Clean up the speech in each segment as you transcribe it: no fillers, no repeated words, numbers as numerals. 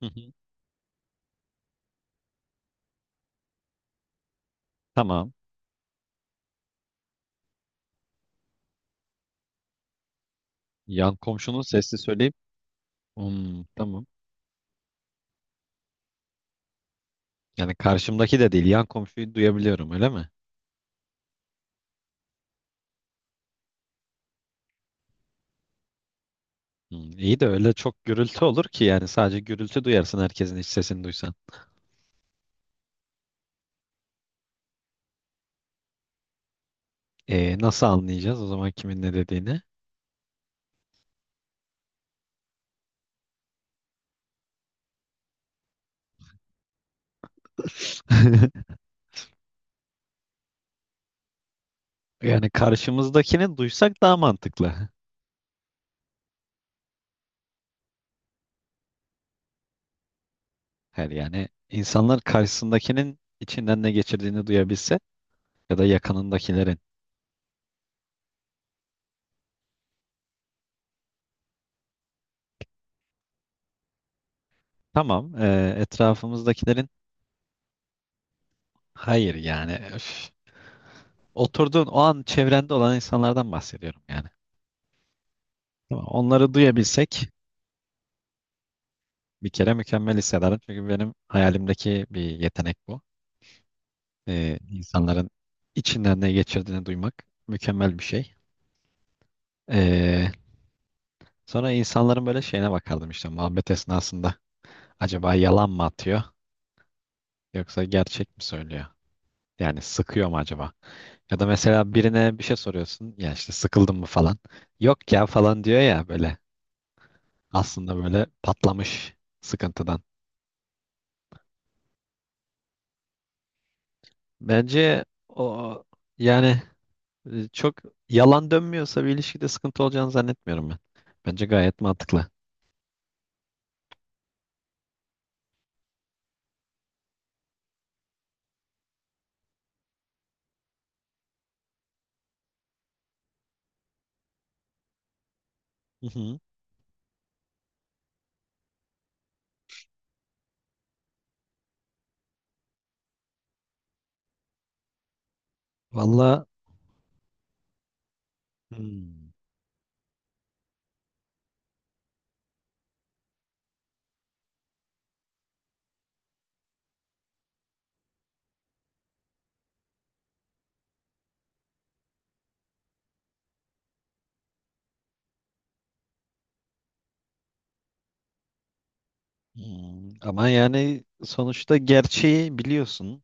Hı hı. Tamam. Yan komşunun sesli söyleyip Hmm, tamam. Yani karşımdaki de değil, yan komşuyu duyabiliyorum, öyle mi? Hmm, iyi de öyle çok gürültü olur ki, yani sadece gürültü duyarsın herkesin iç sesini duysan. Nasıl anlayacağız o zaman kimin ne dediğini? Yani karşımızdakini duysak daha mantıklı. Her yani insanlar karşısındakinin içinden ne geçirdiğini duyabilse ya da yakınındakilerin. Tamam, etrafımızdakilerin hayır yani. Öf. Oturduğun o an çevrende olan insanlardan bahsediyorum yani. Tamam, onları duyabilsek bir kere mükemmel hissederim. Çünkü benim hayalimdeki bir yetenek bu. İnsanların içinden ne geçirdiğini duymak mükemmel bir şey. Ee, sonra insanların böyle şeyine bakardım işte muhabbet esnasında. Acaba yalan mı atıyor yoksa gerçek mi söylüyor? Yani sıkıyor mu acaba? Ya da mesela birine bir şey soruyorsun. Ya işte sıkıldın mı falan. Yok ya falan diyor ya böyle. Aslında böyle patlamış sıkıntıdan. Bence o yani çok yalan dönmüyorsa bir ilişkide sıkıntı olacağını zannetmiyorum ben. Bence gayet mantıklı. Hı hı. Valla. Hmm. Hmm. Ama yani sonuçta gerçeği biliyorsun.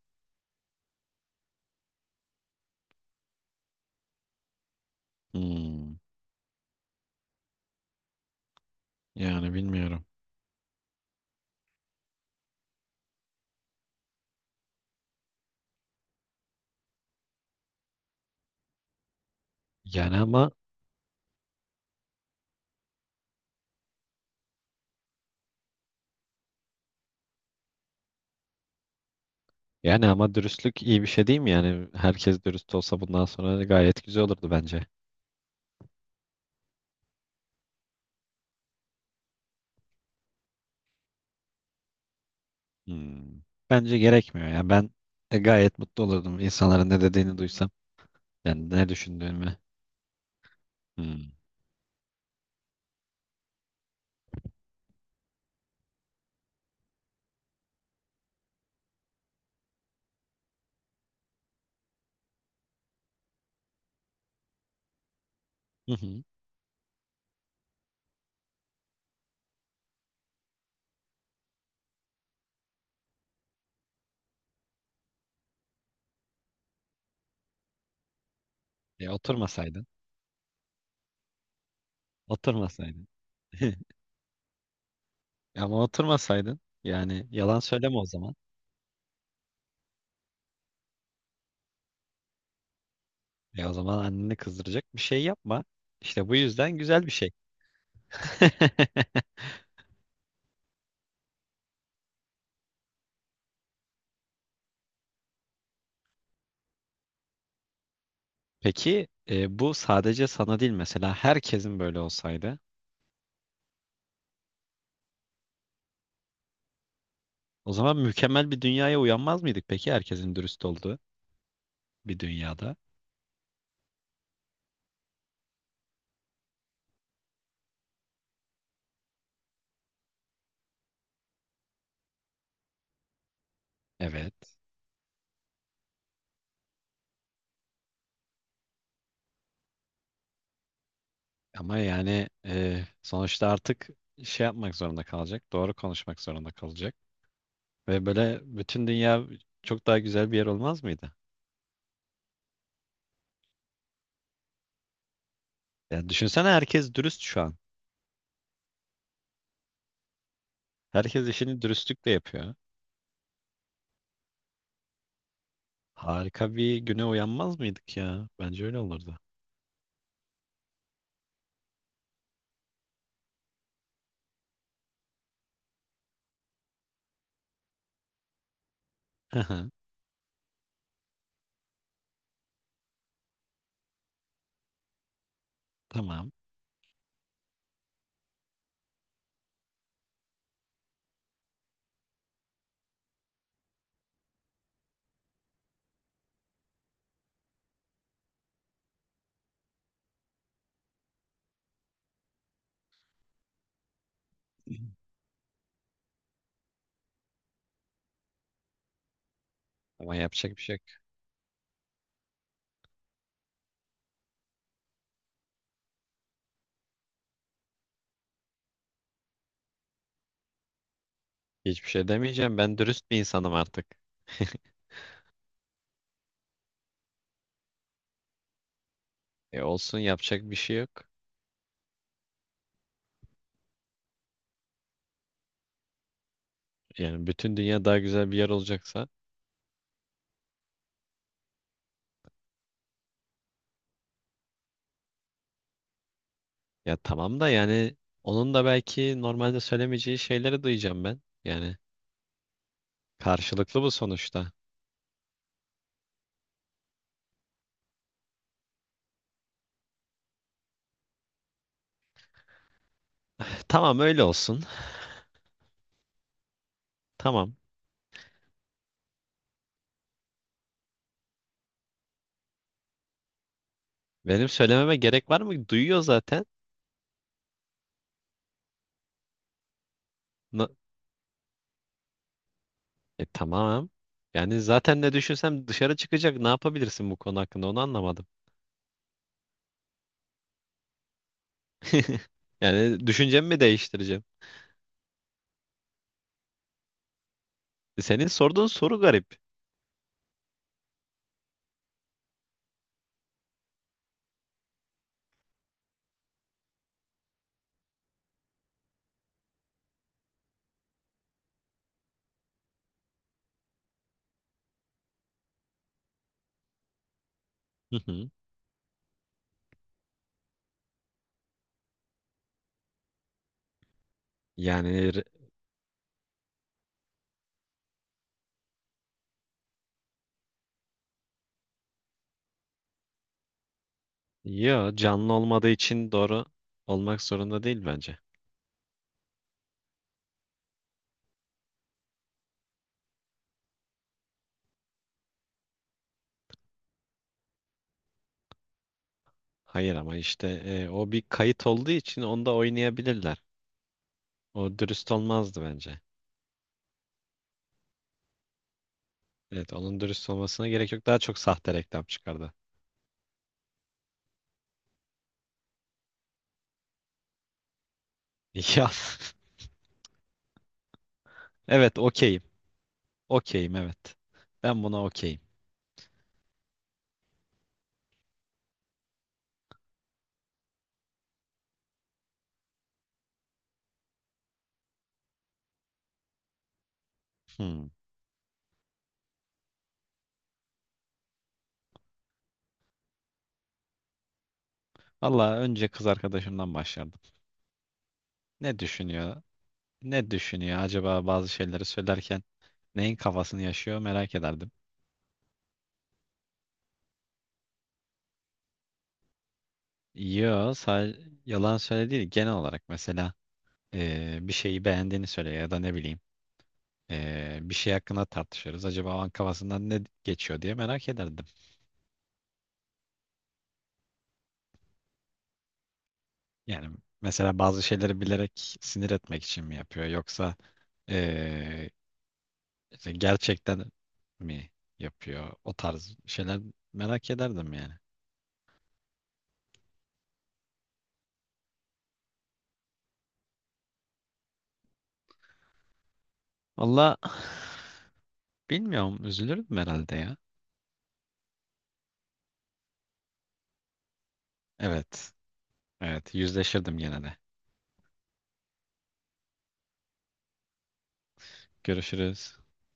Hmm. Yani bilmiyorum. Yani ama Yani ama dürüstlük iyi bir şey değil mi? Yani herkes dürüst olsa bundan sonra gayet güzel olurdu bence. Hmm. Bence gerekmiyor. Yani ben gayet mutlu olurdum insanların ne dediğini duysam. Yani ne düşündüğümü. Hmm. Hı hı. E, oturmasaydın. Oturmasaydın. Ama oturmasaydın yani yalan söyleme o zaman. E o zaman anneni kızdıracak bir şey yapma. İşte bu yüzden güzel bir şey. Peki bu sadece sana değil mesela herkesin böyle olsaydı o zaman mükemmel bir dünyaya uyanmaz mıydık peki herkesin dürüst olduğu bir dünyada? Evet, ama yani sonuçta artık şey yapmak zorunda kalacak, doğru konuşmak zorunda kalacak ve böyle bütün dünya çok daha güzel bir yer olmaz mıydı? Ya düşünsene, herkes dürüst şu an. Herkes işini dürüstlükle yapıyor. Harika bir güne uyanmaz mıydık ya? Bence öyle olurdu. Hı hı. Tamam. Ama yapacak bir şey yok. Hiçbir şey demeyeceğim. Ben dürüst bir insanım artık. E olsun, yapacak bir şey yok. Yani bütün dünya daha güzel bir yer olacaksa. Ya tamam da yani onun da belki normalde söylemeyeceği şeyleri duyacağım ben. Yani karşılıklı bu sonuçta. Tamam, öyle olsun. Tamam. Benim söylememe gerek var mı? Duyuyor zaten. Na- E tamam. Yani zaten ne düşünsem dışarı çıkacak. Ne yapabilirsin bu konu hakkında, onu anlamadım. Yani düşüncemi mi değiştireceğim? E, senin sorduğun soru garip. Hı hı. Yani re- Yo, canlı olmadığı için doğru olmak zorunda değil bence. Hayır, ama işte o bir kayıt olduğu için onda oynayabilirler. O dürüst olmazdı bence. Evet, onun dürüst olmasına gerek yok. Daha çok sahte reklam çıkardı. Ya evet, okeyim. Okeyim, evet. Ben buna okeyim. Hmm. Valla, önce kız arkadaşımdan başlardım. Ne düşünüyor? Ne düşünüyor acaba bazı şeyleri söylerken, neyin kafasını yaşıyor merak ederdim. Yo, sadece yalan söyle değil, genel olarak mesela bir şeyi beğendiğini söyle ya da ne bileyim, bir şey hakkında tartışırız. Acaba o an kafasından ne geçiyor diye merak ederdim. Yani mesela bazı şeyleri bilerek sinir etmek için mi yapıyor yoksa eee, işte gerçekten mi yapıyor o tarz şeyler, merak ederdim yani. Valla bilmiyorum, üzülürdüm herhalde ya. Evet. Evet, yüzleşirdim gene de. Görüşürüz.